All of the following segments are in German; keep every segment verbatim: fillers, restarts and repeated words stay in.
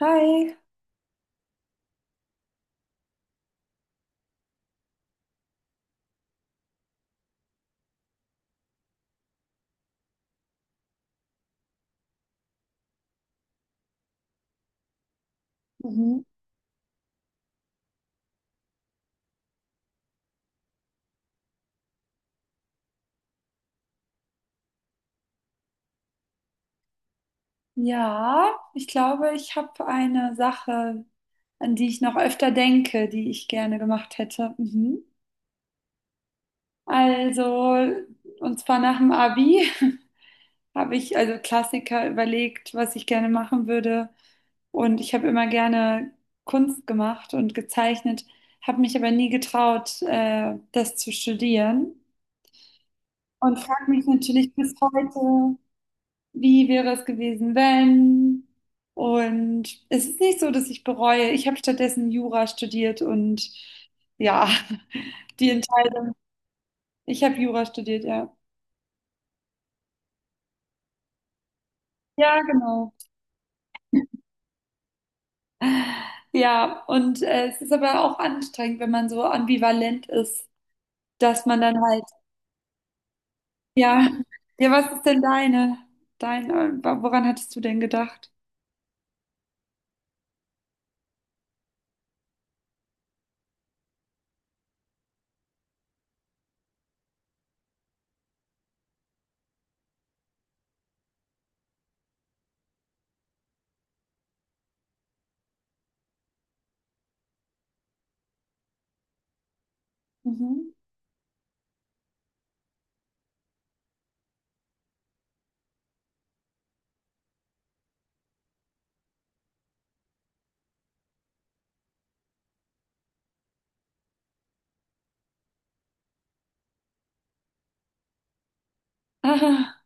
Hi. Mhm. Ja, ich glaube, ich habe eine Sache, an die ich noch öfter denke, die ich gerne gemacht hätte. Mhm. Also, und zwar nach dem Abi habe ich also Klassiker überlegt, was ich gerne machen würde. Und ich habe immer gerne Kunst gemacht und gezeichnet, habe mich aber nie getraut, äh, das zu studieren. Und frage mich natürlich bis heute, wie wäre es gewesen, wenn? Und es ist nicht so, dass ich bereue. Ich habe stattdessen Jura studiert und ja, die Entscheidung. Ich habe Jura studiert, ja. Ja, genau. Ja, und äh, es ist aber auch anstrengend, wenn man so ambivalent ist, dass man dann halt, ja, ja, was ist denn deine, dein, äh, woran hattest du denn gedacht? Mhm. Ah,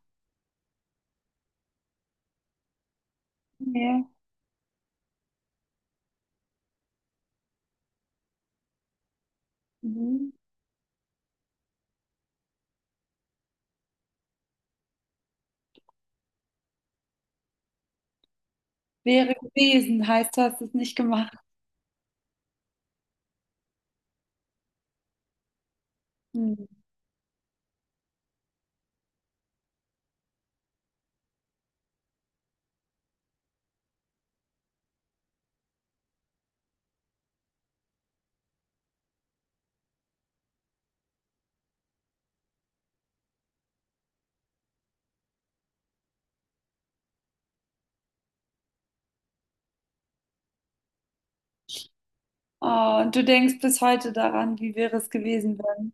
ja. Mhm. Wäre gewesen, heißt, du hast es nicht gemacht. Hm. Oh, und du denkst bis heute daran, wie wäre es gewesen, wenn?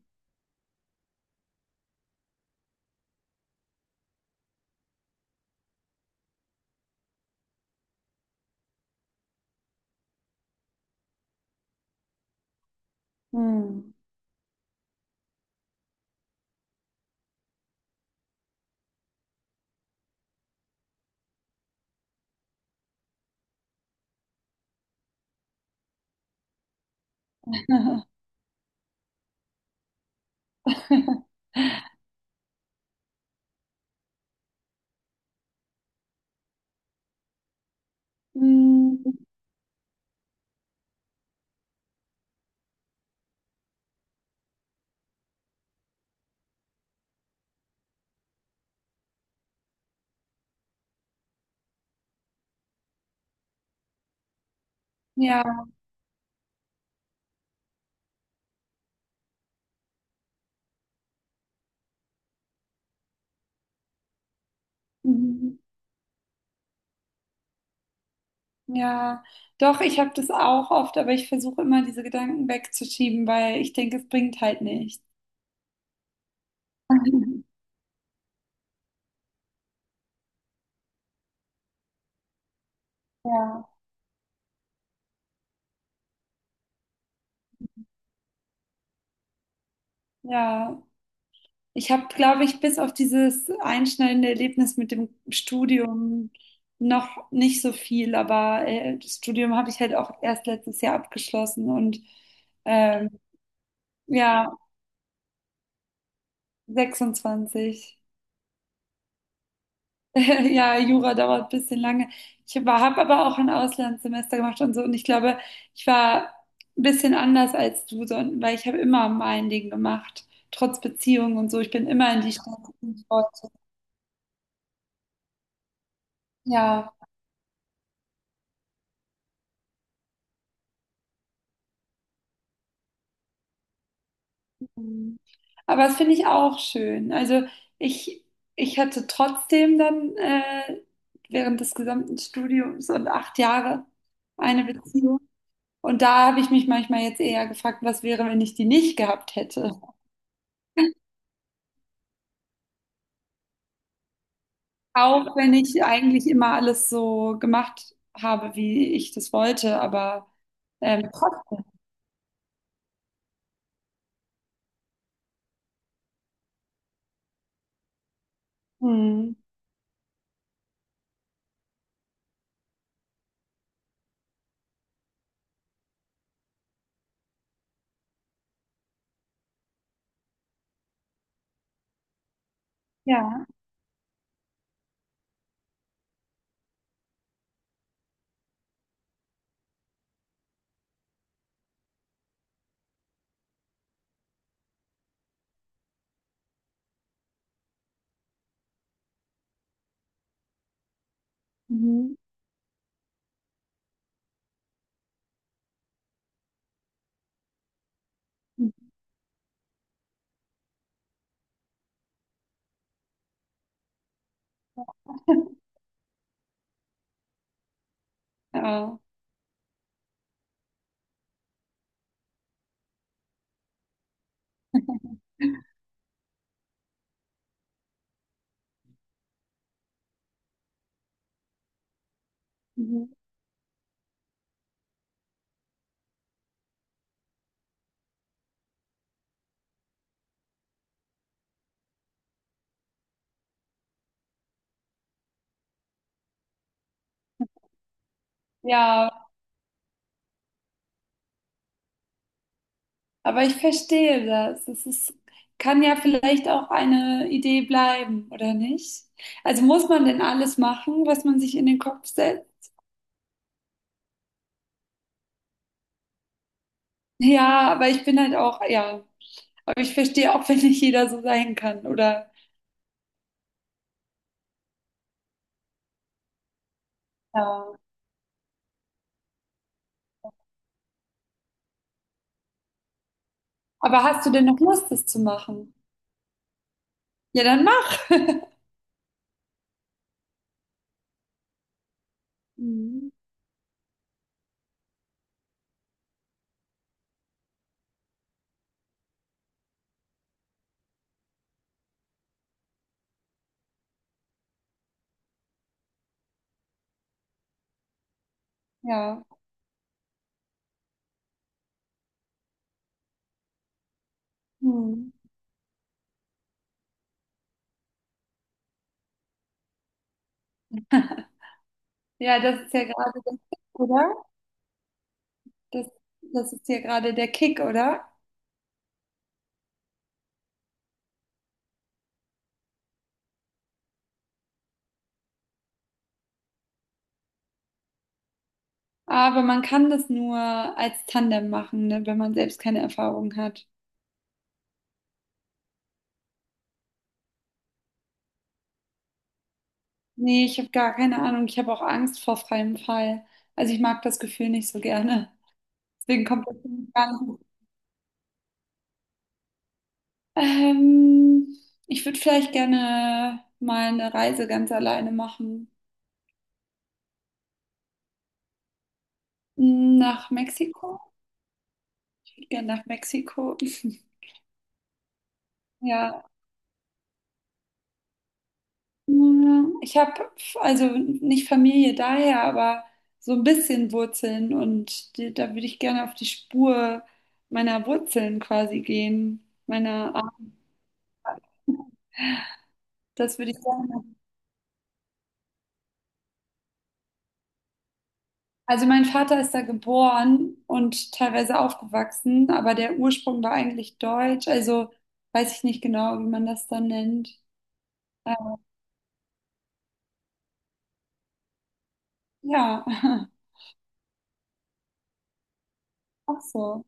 Hm. Hm, ja, mhm, ja, doch, ich habe das auch oft, aber ich versuche immer, diese Gedanken wegzuschieben, weil ich denke, es bringt halt nichts. Ja, ja. Ich habe, glaube ich, bis auf dieses einschneidende Erlebnis mit dem Studium noch nicht so viel, aber äh, das Studium habe ich halt auch erst letztes Jahr abgeschlossen und ähm, ja, sechsundzwanzig. Ja, Jura dauert ein bisschen lange. Ich habe aber auch ein Auslandssemester gemacht und so. Und ich glaube, ich war ein bisschen anders als du, so- weil ich habe immer mein Ding gemacht, trotz Beziehung und so. Ich bin immer in die Stadt gefolgt. Ja. Mhm. Aber das finde ich auch schön. Also ich, ich hatte trotzdem dann äh, während des gesamten Studiums und acht Jahre eine Beziehung. Und da habe ich mich manchmal jetzt eher gefragt, was wäre, wenn ich die nicht gehabt hätte. Auch wenn ich eigentlich immer alles so gemacht habe, wie ich das wollte, aber ähm, trotzdem. Hm. Ja. Mhm. Ja. Mhm. Ja, aber ich verstehe das. Es ist, kann ja vielleicht auch eine Idee bleiben, oder nicht? Also muss man denn alles machen, was man sich in den Kopf setzt? Ja, aber ich bin halt auch, ja, aber ich verstehe auch, wenn nicht jeder so sein kann, oder? Ja. Aber hast du denn noch Lust, das zu machen? Ja, dann mach. Mhm. Ja. Mhm. Ja, das ist ja gerade der Kick, oder? Das, das ist ja gerade der Kick, oder? Aber man kann das nur als Tandem machen, ne, wenn man selbst keine Erfahrung hat. Nee, ich habe gar keine Ahnung. Ich habe auch Angst vor freiem Fall. Also ich mag das Gefühl nicht so gerne. Deswegen kommt das für mich gar nicht. Ähm, ich würde vielleicht gerne mal eine Reise ganz alleine machen. Nach Mexiko. Ich würde gerne nach Mexiko. Ja, mm, ich habe also nicht Familie daher, aber so ein bisschen Wurzeln und die, da würde ich gerne auf die Spur meiner Wurzeln quasi gehen. Meiner Art. Das würde ich gerne. Also mein Vater ist da geboren und teilweise aufgewachsen, aber der Ursprung war eigentlich deutsch, also weiß ich nicht genau, wie man das dann nennt. Ähm, Ja, ach so.